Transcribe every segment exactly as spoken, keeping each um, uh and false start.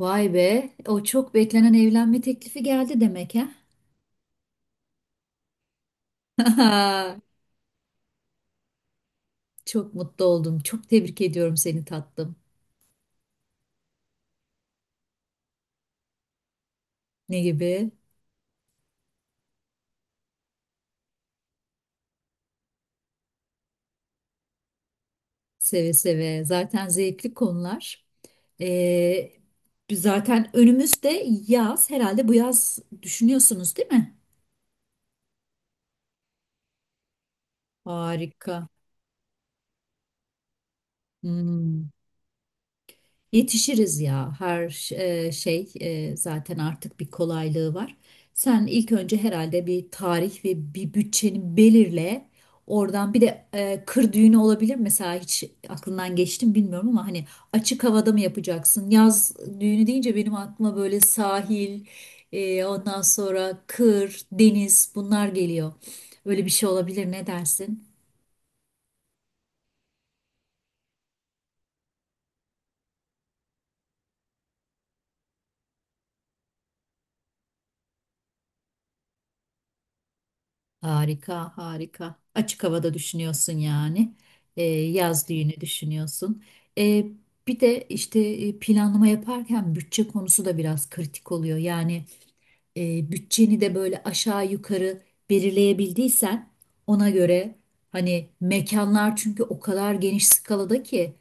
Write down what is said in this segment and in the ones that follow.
Vay be, o çok beklenen evlenme teklifi geldi demek ha? Çok mutlu oldum. Çok tebrik ediyorum seni tatlım. Ne gibi? Seve seve. Zaten zevkli konular. Ee, Biz zaten önümüzde yaz. Herhalde bu yaz düşünüyorsunuz, değil mi? Harika. Hmm. Yetişiriz ya her e, şey e, zaten artık bir kolaylığı var. Sen ilk önce herhalde bir tarih ve bir bütçeni belirle. Oradan bir de e, kır düğünü olabilir mesela, hiç aklından geçti mi bilmiyorum ama hani açık havada mı yapacaksın? Yaz düğünü deyince benim aklıma böyle sahil, e, ondan sonra kır, deniz bunlar geliyor. Öyle bir şey olabilir, ne dersin? Harika, harika. Açık havada düşünüyorsun yani. Ee, yaz düğünü düşünüyorsun. Ee, Bir de işte e, planlama yaparken bütçe konusu da biraz kritik oluyor. Yani e, bütçeni de böyle aşağı yukarı belirleyebildiysen, ona göre hani mekanlar, çünkü o kadar geniş skalada ki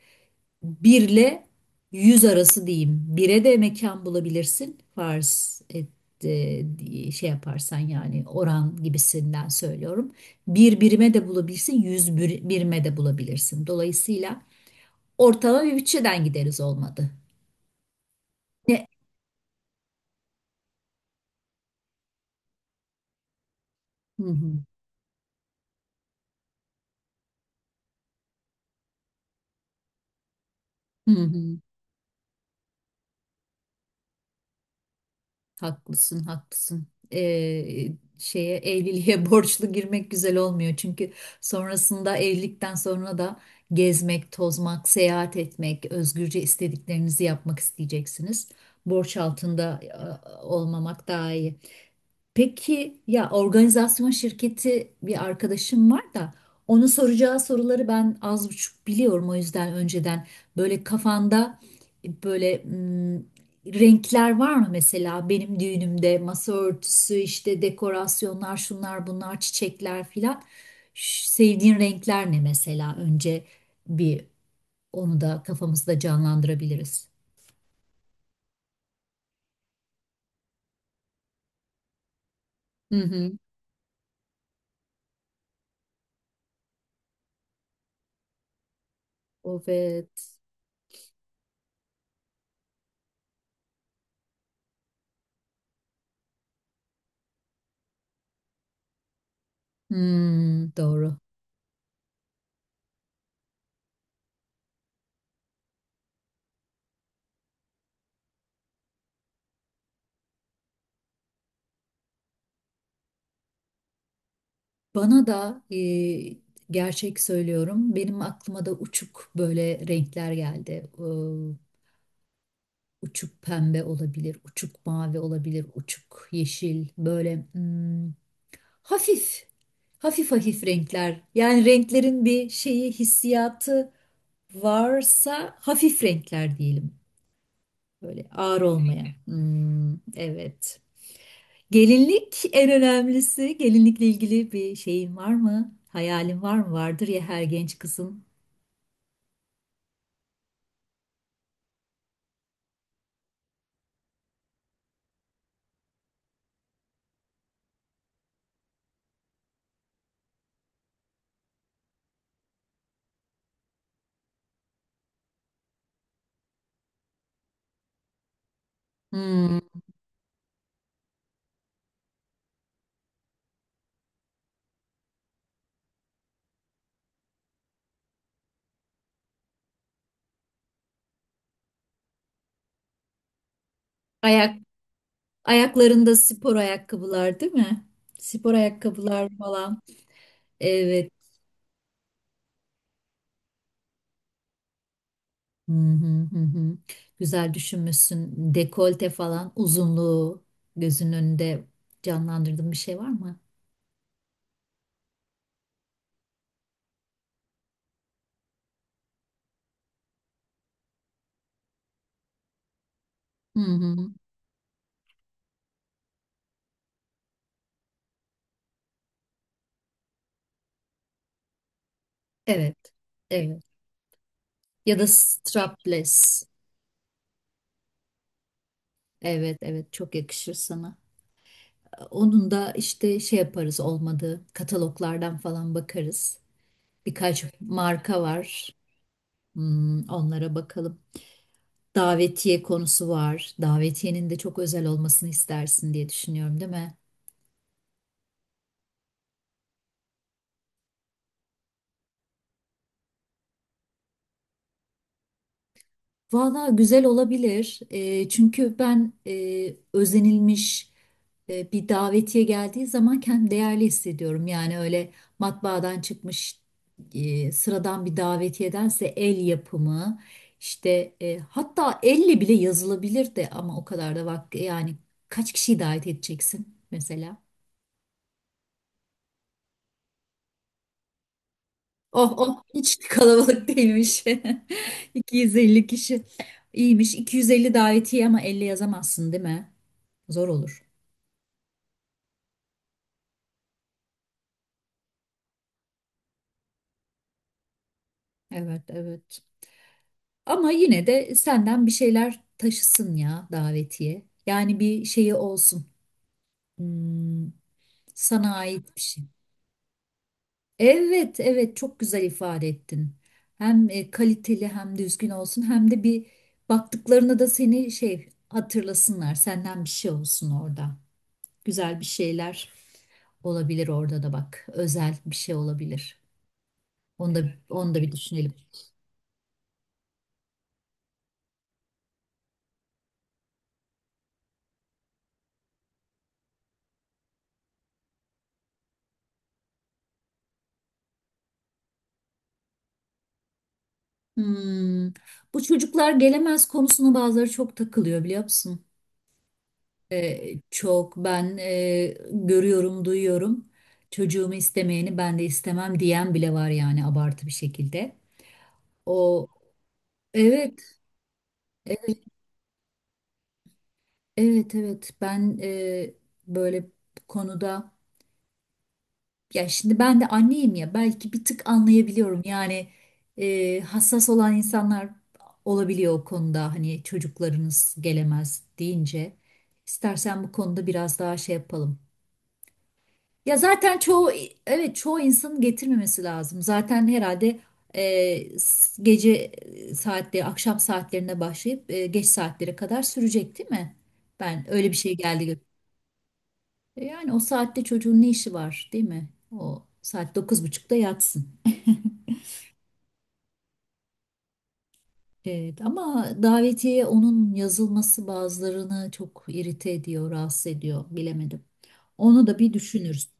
bir ile yüz arası diyeyim. bire de mekan bulabilirsin. Farz et, e, diye şey yaparsan, yani oran gibisinden söylüyorum. Bir birime de bulabilirsin, yüz bir- birime de bulabilirsin. Dolayısıyla ortalama bir bütçeden gideriz olmadı. Ne? Hı hı. Hı hı. Haklısın, haklısın. Ee, Şeye, evliliğe borçlu girmek güzel olmuyor. Çünkü sonrasında, evlilikten sonra da gezmek, tozmak, seyahat etmek, özgürce istediklerinizi yapmak isteyeceksiniz. Borç altında e, olmamak daha iyi. Peki ya organizasyon şirketi bir arkadaşım var da, onun soracağı soruları ben az buçuk biliyorum, o yüzden önceden böyle kafanda böyle mm, renkler var mı mesela, benim düğünümde masa örtüsü, işte dekorasyonlar, şunlar bunlar, çiçekler filan. Ş- sevdiğin renkler ne mesela? Önce bir onu da kafamızda canlandırabiliriz. Hı hı. Evet. Hmm, doğru. Bana da e, gerçek söylüyorum, benim aklıma da uçuk böyle renkler geldi. Ee, uçuk pembe olabilir, uçuk mavi olabilir, uçuk yeşil. Böyle hmm, hafif, hafif hafif renkler. Yani renklerin bir şeyi, hissiyatı varsa, hafif renkler diyelim. Böyle ağır olmayan. Kesinlikle. Hmm, evet. Gelinlik en önemlisi. Gelinlikle ilgili bir şeyin var mı? Hayalin var mı? Vardır ya, her genç kızın. Hmm. Ayak, Ayaklarında spor ayakkabılar değil mi? Spor ayakkabılar falan. Evet. Hı hı, hı hı. Güzel düşünmüşsün. Dekolte falan, uzunluğu gözünün önünde canlandırdığın bir şey var mı? Hı hı. Evet. Evet. Ya da strapless. Evet, evet, çok yakışır sana. Onun da işte şey yaparız olmadı. Kataloglardan falan bakarız. Birkaç marka var. Hmm, onlara bakalım. Davetiye konusu var. Davetiyenin de çok özel olmasını istersin diye düşünüyorum, değil mi? Valla güzel olabilir. Eee, çünkü ben eee, özenilmiş eee, bir davetiye geldiği zaman kendimi değerli hissediyorum. Yani öyle matbaadan çıkmış eee, sıradan bir davetiyedense el yapımı işte eee, hatta elle bile yazılabilir de, ama o kadar da vakti, yani kaç kişiyi davet edeceksin mesela? Oh oh, hiç kalabalık değilmiş. iki yüz elli kişi. İyiymiş. iki yüz elli davetiye ama elli yazamazsın değil mi? Zor olur. Evet, evet. Ama yine de senden bir şeyler taşısın ya davetiye. Yani bir şeyi olsun. Hmm, sana ait bir şey. Evet, evet, çok güzel ifade ettin. Hem e, kaliteli, hem düzgün olsun, hem de bir baktıklarına da seni şey hatırlasınlar. Senden bir şey olsun orada. Güzel bir şeyler olabilir orada da bak. Özel bir şey olabilir. Onu da, onu da bir düşünelim. Hmm. Bu çocuklar gelemez konusuna bazıları çok takılıyor, biliyor musun? Ee, çok ben e, görüyorum, duyuyorum. Çocuğumu istemeyeni ben de istemem diyen bile var, yani abartı bir şekilde. O evet, e- evet, evet. Ben e, böyle bu konuda. Ya şimdi ben de anneyim ya, belki bir tık anlayabiliyorum yani e, hassas olan insanlar olabiliyor o konuda, hani çocuklarınız gelemez deyince. İstersen bu konuda biraz daha şey yapalım. Ya zaten çoğu, evet, çoğu insanın getirmemesi lazım zaten herhalde. E, s- gece saatleri, akşam saatlerine başlayıp e, geç saatlere kadar sürecek değil mi? Ben öyle bir şey geldi. gö- e, Yani o saatte çocuğun ne işi var değil mi? O saat dokuz buçukta yatsın. Evet, ama davetiye, onun yazılması bazılarını çok irite ediyor, rahatsız ediyor. Bilemedim. Onu da bir düşünürüz.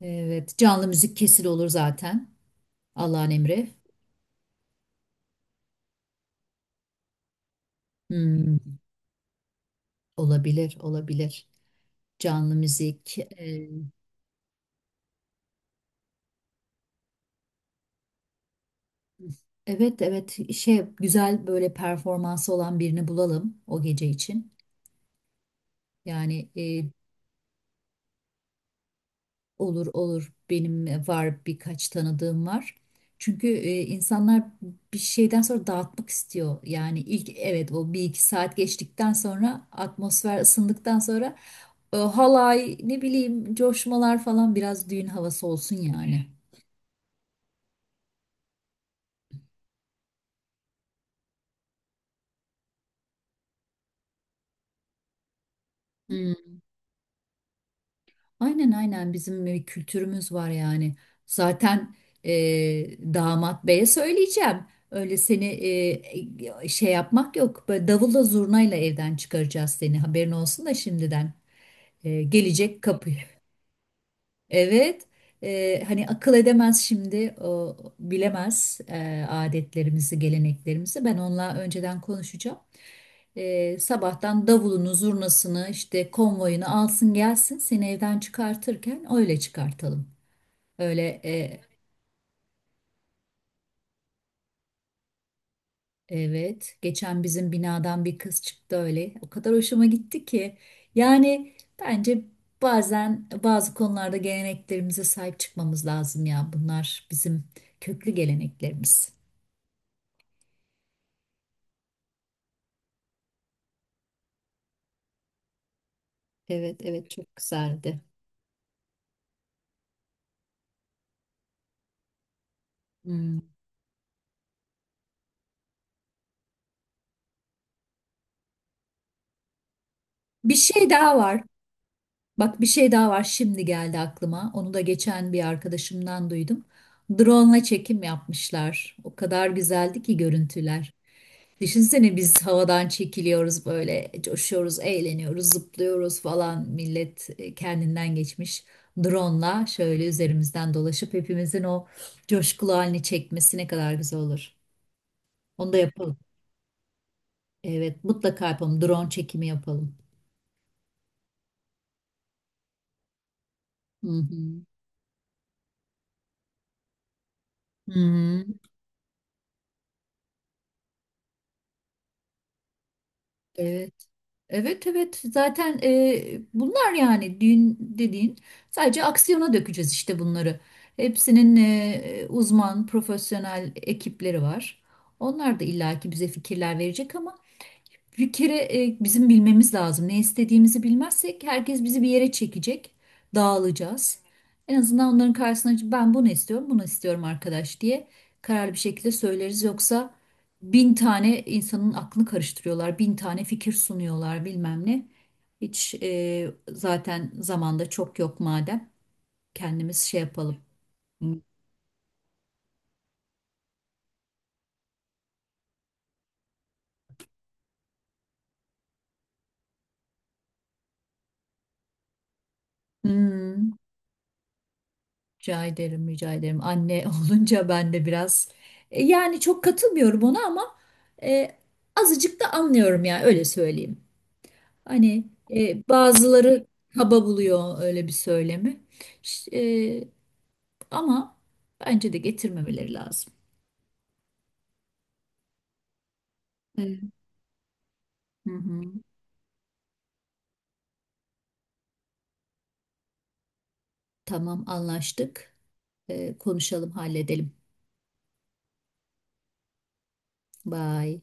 Evet, canlı müzik kesil olur zaten. Allah'ın emri. Hmm, olabilir, olabilir. Canlı müzik. E, evet, evet. Şey, güzel böyle performansı olan birini bulalım o gece için. Yani e, olur, olur. Benim e, var, birkaç tanıdığım var. Çünkü e, insanlar bir şeyden sonra dağıtmak istiyor. Yani ilk, evet, o bir iki saat geçtikten sonra, atmosfer ısındıktan sonra e, halay, ne bileyim, coşmalar falan, biraz düğün havası olsun yani. Aynen, aynen, bizim bir kültürümüz var yani. Zaten e, damat beye söyleyeceğim. Öyle seni e, şey yapmak yok. Böyle davulla zurnayla evden çıkaracağız seni. Haberin olsun da şimdiden. E, gelecek kapı. Evet, e, hani akıl edemez şimdi, o bilemez e, adetlerimizi, geleneklerimizi. Ben onunla önceden konuşacağım. E, sabahtan davulunu, zurnasını, işte konvoyunu alsın gelsin, seni evden çıkartırken öyle çıkartalım. Öyle. Evet, geçen bizim binadan bir kız çıktı öyle. O kadar hoşuma gitti ki. Yani bence bazen bazı konularda geleneklerimize sahip çıkmamız lazım ya. Bunlar bizim köklü geleneklerimiz. Evet, evet, çok güzeldi. Hmm. Bir şey daha var. Bak, bir şey daha var, şimdi geldi aklıma. Onu da geçen bir arkadaşımdan duydum. Drone'la çekim yapmışlar. O kadar güzeldi ki görüntüler. Düşünsene biz havadan çekiliyoruz, böyle coşuyoruz, eğleniyoruz, zıplıyoruz falan. Millet e, kendinden geçmiş. Drone'la şöyle üzerimizden dolaşıp hepimizin o coşkulu halini çekmesi ne kadar güzel olur. Onu da yapalım. Evet, mutlaka yapalım. Drone çekimi yapalım. Hı hı. Hı hı. Evet. Evet, evet, zaten e, bunlar yani düğün dediğin, sadece aksiyona dökeceğiz işte bunları. Hepsinin e, uzman, profesyonel ekipleri var. Onlar da illaki bize fikirler verecek ama bir kere e, bizim bilmemiz lazım. Ne istediğimizi bilmezsek herkes bizi bir yere çekecek. Dağılacağız. En azından onların karşısına çıkıp, ben bunu istiyorum, bunu istiyorum arkadaş diye kararlı bir şekilde söyleriz. Yoksa bin tane insanın aklını karıştırıyorlar, bin tane fikir sunuyorlar bilmem ne. Hiç e, zaten zamanda çok yok, madem kendimiz şey yapalım. Hmm. Rica ederim, rica ederim. Anne olunca ben de biraz e, yani çok katılmıyorum ona, ama e, azıcık da anlıyorum ya, öyle söyleyeyim. Hani e, bazıları kaba buluyor öyle bir söylemi. Ş- e, Ama bence de getirmemeleri lazım. Evet. Hı hı. Tamam, anlaştık. E, konuşalım, halledelim. Bye.